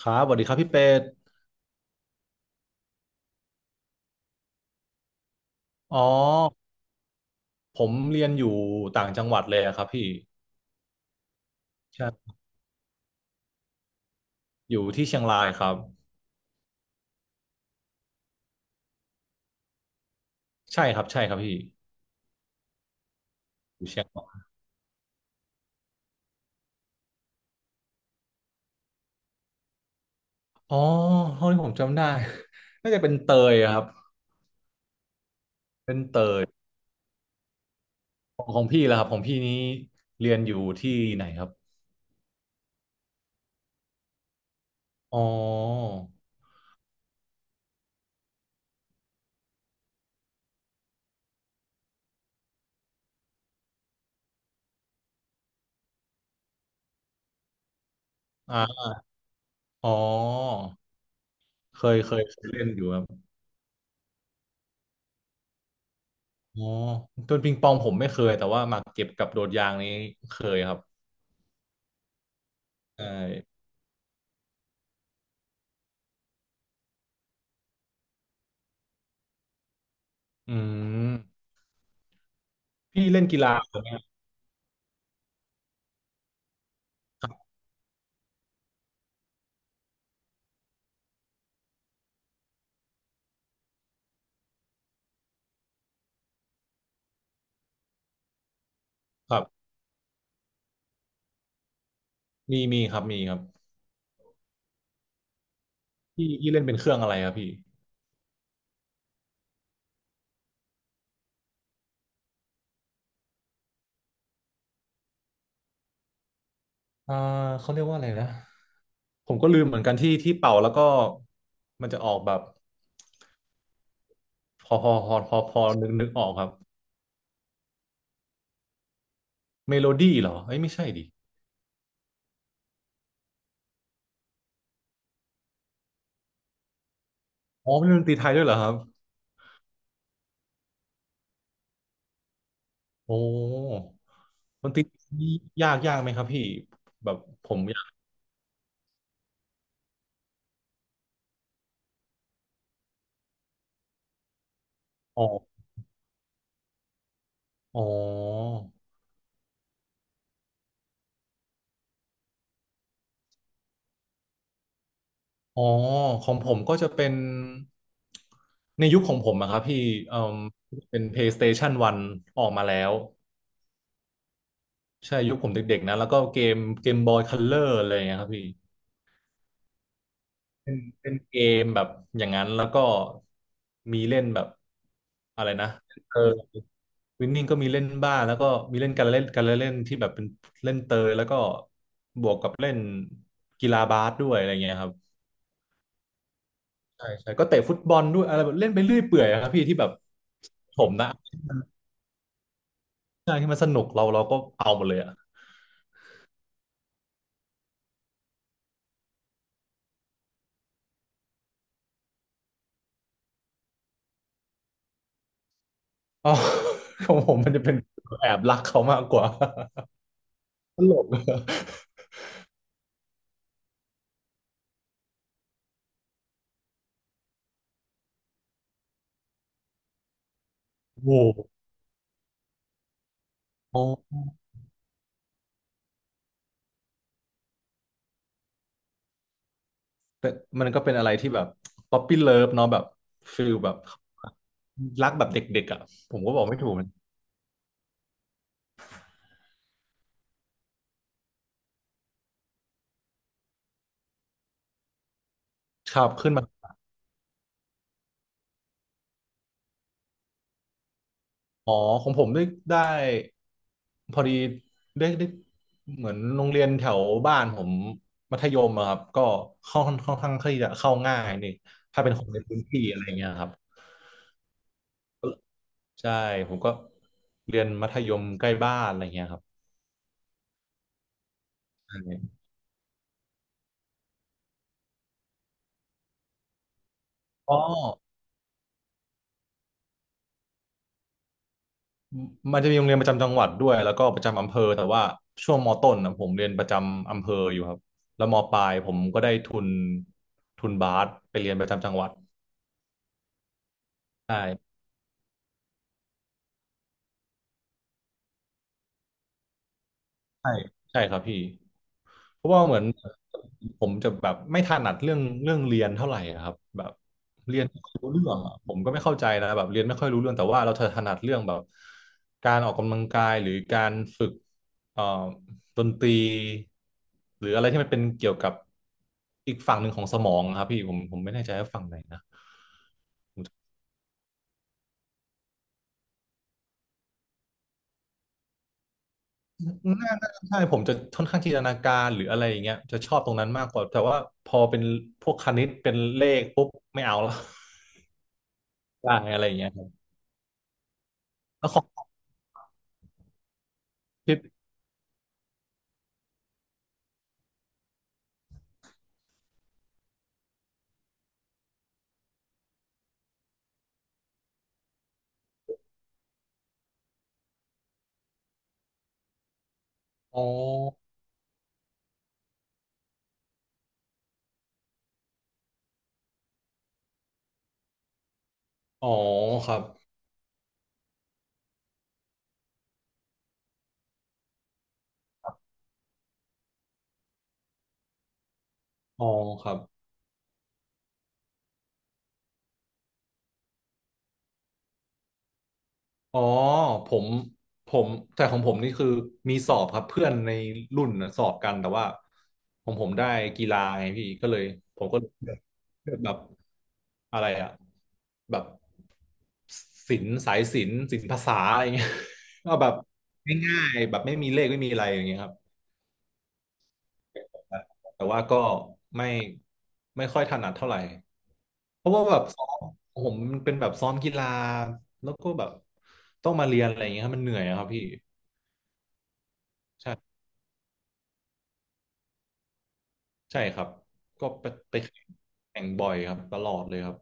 ครับสวัสดีครับพี่เป็ดอ๋อผมเรียนอยู่ต่างจังหวัดเลยอะครับพี่ใช่อยู่ที่เชียงรายครับใช่ครับใช่ครับพี่อยู่เชียงรายอ๋อเท่าที่ผมจำได้ น่าจะเป็นเตยอะครับเป็นเตยของพี่แล้วครับของพี่นี้เรียนอยู่ที่ไหนครับอ๋ออ่าอ๋อเคยเล่นอยู่ครับอ๋อต้นปิงปองผมไม่เคยแต่ว่าหมากเก็บกับโดดยางนี้เคยครับใช่อืมพี่เล่นกีฬาไหมครับ มีมีครับมีครับพี่เล่นเป็นเครื่องอะไรครับพี่อ่าเขาเรียกว่าอะไรนะผมก็ลืมเหมือนกันที่เป่าแล้วก็มันจะออกแบบพอนึกออกครับเมโลดี้เหรอเอ้ยไม่ใช่ดิอ๋อเป็นดนตรีไทยด้วยเหรอครับโอ้ดนตรีนี่ยากยากไหมครับพี่แบบผมอยากออกอ๋ออ๋อของผมก็จะเป็นในยุคของผมอะครับพี่เอ่อเป็น PlayStation 1ออกมาแล้ว ใช่ยุคผมเด็กๆนะแล้วก็เกมเกมบอยคัลเลอร์อะไรอย่างเงี้ยครับพี่เป็นเกมแบบอย่างนั้นแล้วก็มีเล่นแบบอะไรนะเออวินนิ่งก็มีเล่นบ้างแล้วก็มีเล่นการเล่นการเล่นที่แบบเป็นเล่นเตยแล้วก็บวกกับเล่นกีฬาบาสด้วยอะไรเงี้ยครับใช่ใช่ก็เตะฟุตบอลด้วยอะไรแบบเล่นไปเรื่อยเปื่อยอะครับพี่ที่แบบผมนะใช่ที่มันสนุกเราก็เอาหมดเลยอะอ๋อ ของผมมันจะเป็นแอบรักเขามากกว่า ตลก โอ้โห โอ้แต่มันก็เป็นอะไรที่แบบป๊อปปี้เลิฟเนาะแบบฟิลแบบรักแบบเด็กๆอ่ะผมก็บอกไม่ถูกมันขับขึ้นมาอ๋อของผมได้ได้พอดีได้ได้เหมือนโรงเรียนแถวบ้านผมมัธยมอะครับก็ค่อนข้างที่จะเข้าง่ายนี่ถ้าเป็นคนในพื้นที่อะไรเงี้ยครับใช่ผมก็เรียนมัธยมใกล้บ้านอะไรเงี้ยครับใช่อ๋อ มันจะมีโรงเรียนประจำจังหวัดด้วยแล้วก็ประจำอำเภอแต่ว่าช่วงมต้นนะผมเรียนประจำอำเภออยู่ครับแล้วมปลายผมก็ได้ทุนทุนบาสไปเรียนประจำจังหวัดใช่ ใช่ใช่ครับพี่เพราะว่าเหมือนผมจะแบบไม่ถนัดเรื่องเรียนเท่าไหร่อะครับแบบเรียนไม่ค่อยรู้เรื่องอะผมก็ไม่เข้าใจนะแบบเรียนไม่ค่อยรู้เรื่องแต่ว่าเราถนัดเรื่องแบบการออกกำลังกายหรือการฝึกเอ่อดนตรีหรืออะไรที่มันเป็นเกี่ยวกับอีกฝั่งหนึ่งของสมองอะครับพี่ผมไม่แน่ใจว่าฝั่งไหนนะน่าน่าใช่ผมจะค่อนข้างจินตนาการหรืออะไรอย่างเงี้ยจะชอบตรงนั้นมากกว่าแต่ว่าพอเป็นพวกคณิตเป็นเลขปุ๊บไม่เอาแล้ว ได้อะไรอย่างเงี้ยครับแล้วของพี่อ๋ออ๋อครับอ๋อครับอ๋อผมผมแต่ของผมนี่คือมีสอบครับเพื่อนในรุ่นน่ะสอบกันแต่ว่าของผมได้กีฬาไงพี่ก็เลยผมก็เลยเลือกเลือกแบบอะไรอะแบบศิลป์สายศิลป์ศิลปภาษาอะไรเงี้ย ก็แบบง่ายๆแบบไม่มีเลขไม่มีอะไรอย่างเงี้ยครับแต่ว่าก็ไม่ไม่ค่อยถนัดเท่าไหร่ เพราะว่าแบบซ้อมผมมันเป็นแบบซ้อมกีฬาแล้วก็แบบต้องมาเรียนอะไรอย่างเงี้ยครับมันเหนื่อยอะครับพี่ใช่ใช่ครับก็ไปไปแข่งแข่งบ่อยครับตลอดเลยครับ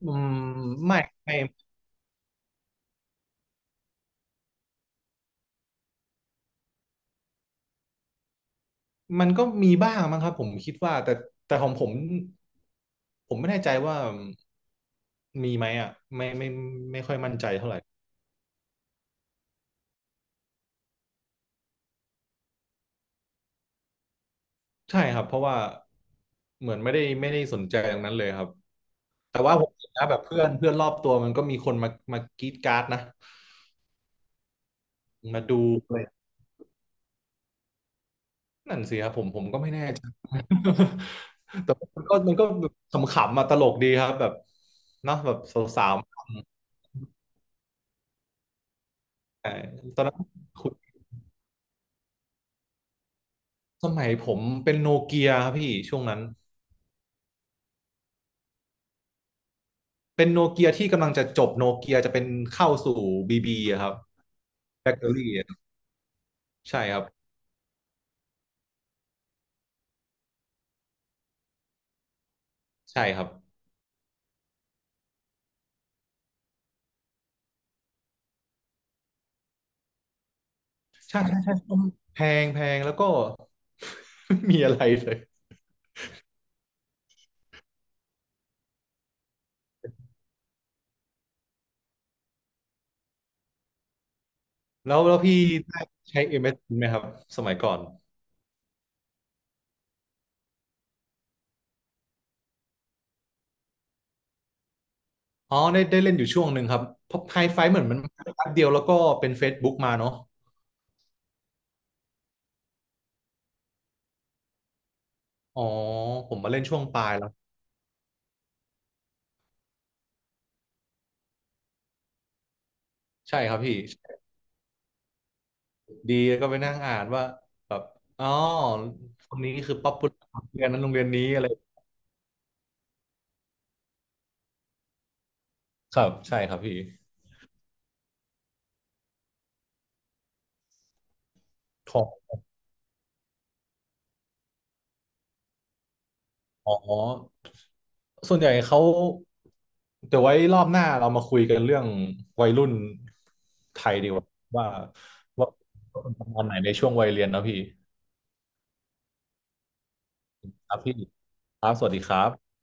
อืมไม่ไม่มันก็มีบ้างมั้งครับผมคิดว่าแต่แต่ของผมผมไม่แน่ใจว่ามีไหมอ่ะไม่ไม่ไม่ค่อยมั่นใจเท่าไหร่ใช่ครับเพราะว่าเหมือนไม่ได้สนใจตรงนั้นเลยครับแต่ว่าผมเห็นนะแบบเพื่อนเพื่อนรอบตัวมันก็มีคนมามากรีดการ์ดนะ มาดูอะไรนั่นสิครับผมก็ไม่แน่ใจ แต่มันก็มันก็แบบขำๆมาตลกดีครับแบบเนาะแบบสาวๆต่ตอนนั้นคุณสมัยผมเป็นโนเกียครับพี่ช่วงนั้นเป็นโนเกียที่กำลังจะจบโนเกียจะเป็นเข้าสู่บีบีครับแบตเตอรี่ใช่ครับใช่ครับใช่ใช่ใช่แพงแพงแล้วก็ ไม่มีอะไรเลยแล้วแล้วพี่ได้ใช้ MSN ไหมครับสมัยก่อน อ๋อได้ได้เล่นอยู่ช่วงหนึ่งครับเพราะไฮไฟเหมือนมันมาแป๊บเดียวแล้วก็เป็น Facebook มาเนาะอ๋อผมมาเล่นช่วงปลายแล้วใช่ครับพี่ ดีก็ไปนั่งอ่านว่าแบบอ๋อคนนี้คือป๊อปปูล่าเรียนนั้นโรงเรียนนี้อะไร ครับใช่ครับพี่ของอ๋อส่วนใหญ่เขาเดี๋ยวไว้รอบหน้าเรามาคุยกันเรื่องวัยรุ่นไทยดีกว่าว่าว่าว่าเป็นประมาณไหนในช่วงวัยเรียนเนอะพี่ครับพี่ครับสวัสดีครับ